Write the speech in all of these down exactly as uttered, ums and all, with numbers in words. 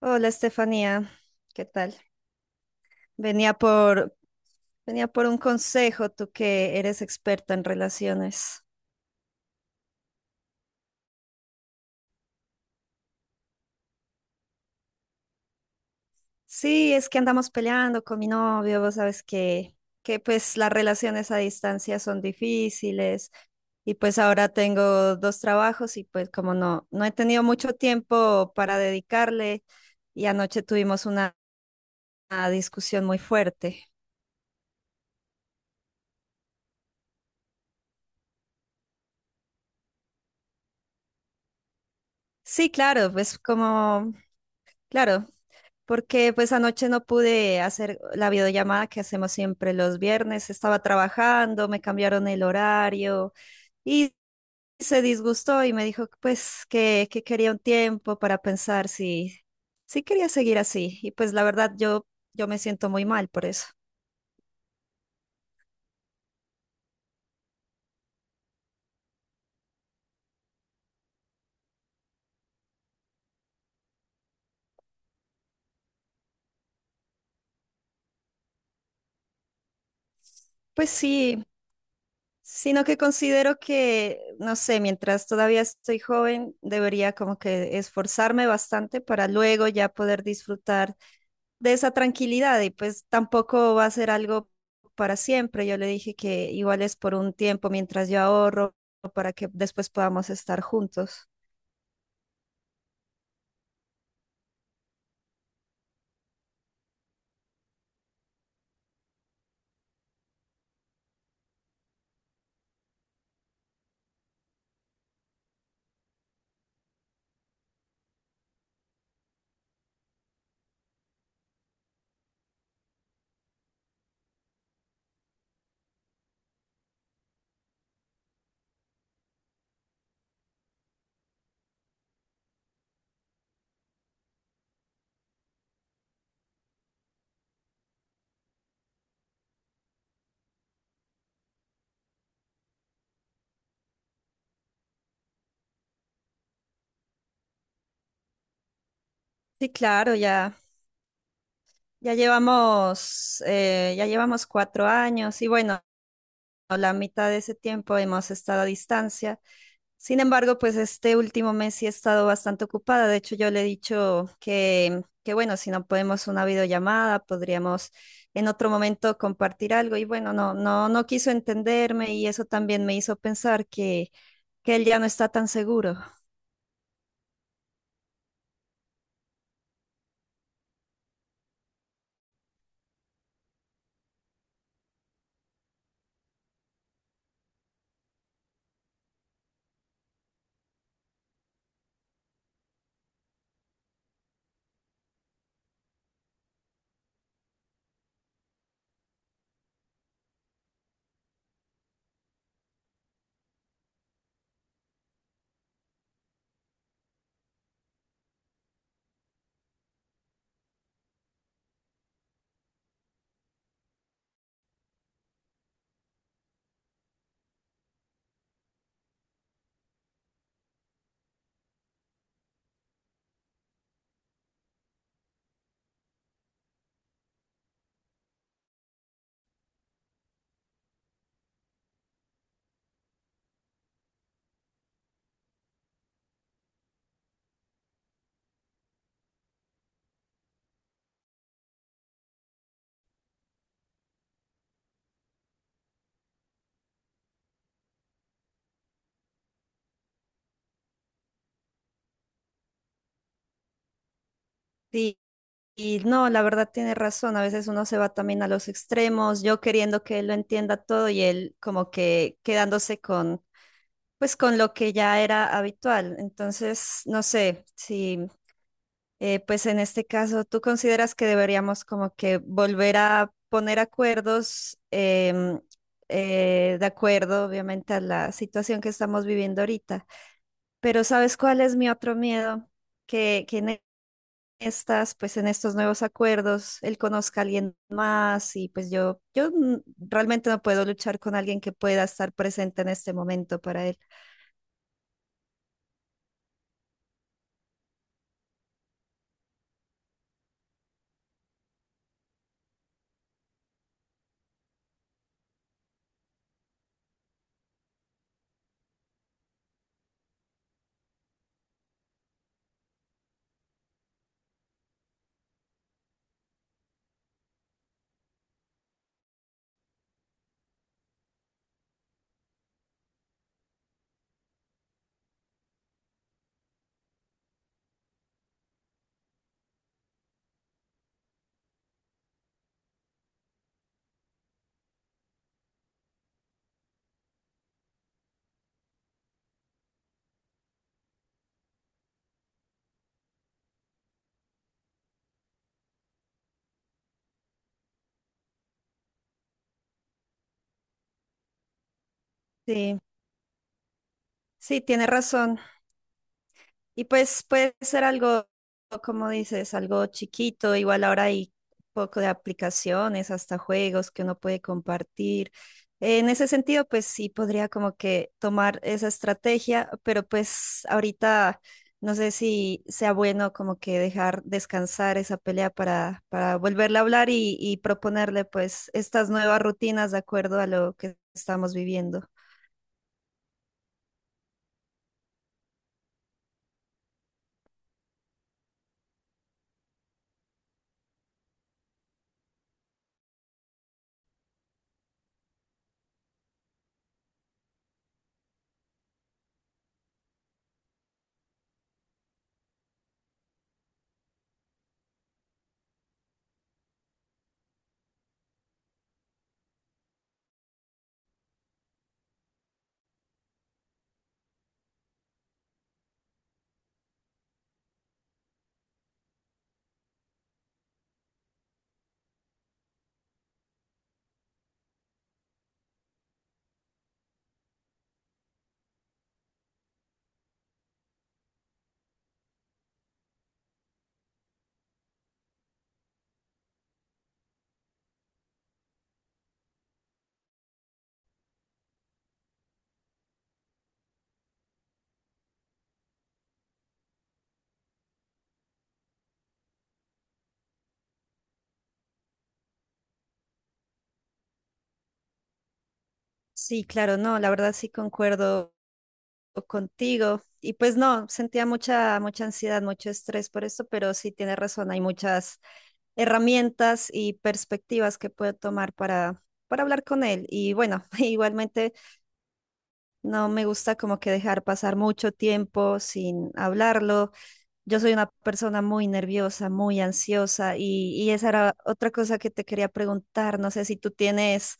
Hola, Estefanía, ¿qué tal? Venía por, venía por un consejo, tú que eres experta en relaciones. Sí, es que andamos peleando con mi novio, vos sabes que, que pues las relaciones a distancia son difíciles y pues ahora tengo dos trabajos y pues como no, no he tenido mucho tiempo para dedicarle, y anoche tuvimos una una discusión muy fuerte. Sí, claro, pues como, claro. Porque pues anoche no pude hacer la videollamada que hacemos siempre los viernes. Estaba trabajando, me cambiaron el horario y se disgustó y me dijo pues que, que quería un tiempo para pensar si, si quería seguir así. Y pues la verdad yo, yo me siento muy mal por eso. Pues sí, sino que considero que, no sé, mientras todavía estoy joven, debería como que esforzarme bastante para luego ya poder disfrutar de esa tranquilidad, y pues tampoco va a ser algo para siempre. Yo le dije que igual es por un tiempo mientras yo ahorro para que después podamos estar juntos. Sí, claro, ya, ya llevamos, eh, ya llevamos cuatro años y bueno, la mitad de ese tiempo hemos estado a distancia. Sin embargo, pues este último mes sí he estado bastante ocupada. De hecho, yo le he dicho que, que bueno, si no podemos una videollamada, podríamos en otro momento compartir algo. Y bueno, no, no, no quiso entenderme, y eso también me hizo pensar que, que él ya no está tan seguro. Y, y no, la verdad tiene razón. A veces uno se va también a los extremos, yo queriendo que él lo entienda todo y él como que quedándose con, pues con lo que ya era habitual. Entonces, no sé si eh, pues en este caso, ¿tú consideras que deberíamos como que volver a poner acuerdos em, eh, de acuerdo, obviamente, a la situación que estamos viviendo ahorita? Pero ¿sabes cuál es mi otro miedo? Que, que en estas, pues en estos nuevos acuerdos, él conozca a alguien más, y pues yo, yo mm, realmente no puedo luchar con alguien que pueda estar presente en este momento para él. Sí, sí, tiene razón. Y pues puede ser algo, como dices, algo chiquito. Igual ahora hay poco de aplicaciones, hasta juegos que uno puede compartir. Eh, En ese sentido, pues sí podría como que tomar esa estrategia, pero pues ahorita no sé si sea bueno como que dejar descansar esa pelea para, para volverle a hablar y, y proponerle pues estas nuevas rutinas de acuerdo a lo que estamos viviendo. Sí, claro, no, la verdad sí concuerdo o contigo. Y pues no, sentía mucha, mucha ansiedad, mucho estrés por esto, pero sí tienes razón, hay muchas herramientas y perspectivas que puedo tomar para, para hablar con él. Y bueno, igualmente no me gusta como que dejar pasar mucho tiempo sin hablarlo. Yo soy una persona muy nerviosa, muy ansiosa y, y esa era otra cosa que te quería preguntar. No sé si tú tienes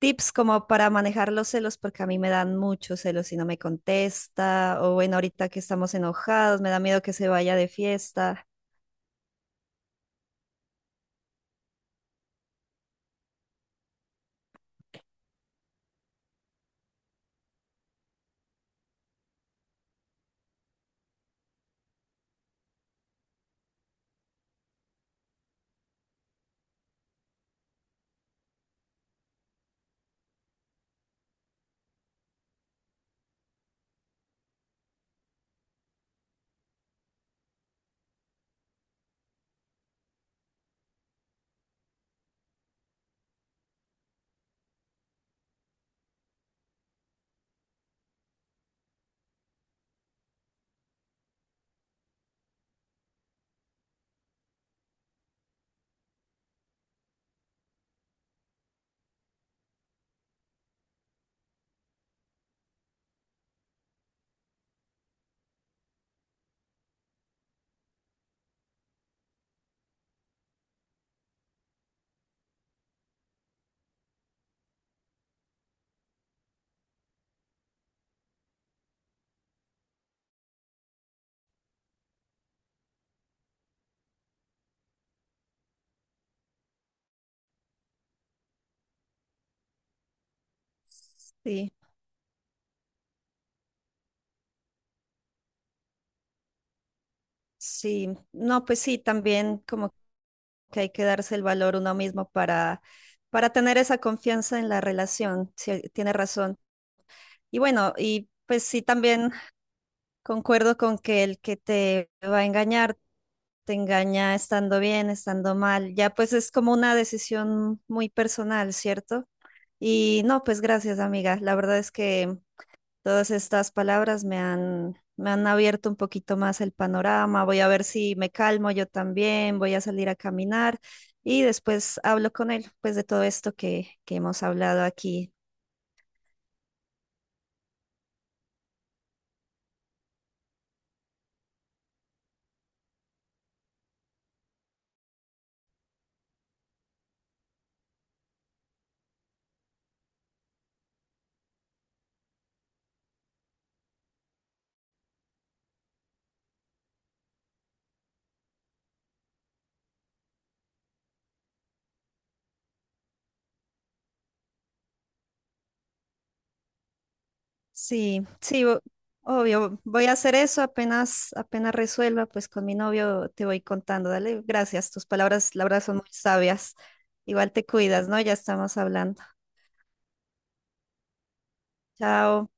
tips como para manejar los celos, porque a mí me dan muchos celos si no me contesta, o bueno, ahorita que estamos enojados, me da miedo que se vaya de fiesta. Sí, sí, no, pues sí, también como que hay que darse el valor uno mismo para, para tener esa confianza en la relación, sí, tiene razón. Y bueno, y pues sí, también concuerdo con que el que te va a engañar, te engaña estando bien, estando mal, ya pues es como una decisión muy personal, ¿cierto? Y no, pues gracias, amiga. La verdad es que todas estas palabras me han, me han abierto un poquito más el panorama. Voy a ver si me calmo yo también, voy a salir a caminar y después hablo con él, pues de todo esto que, que hemos hablado aquí. Sí, sí, o- obvio, voy a hacer eso apenas, apenas resuelva, pues con mi novio te voy contando. Dale, gracias. Tus palabras, la verdad, son muy sabias. Igual te cuidas, ¿no? Ya estamos hablando. Chao.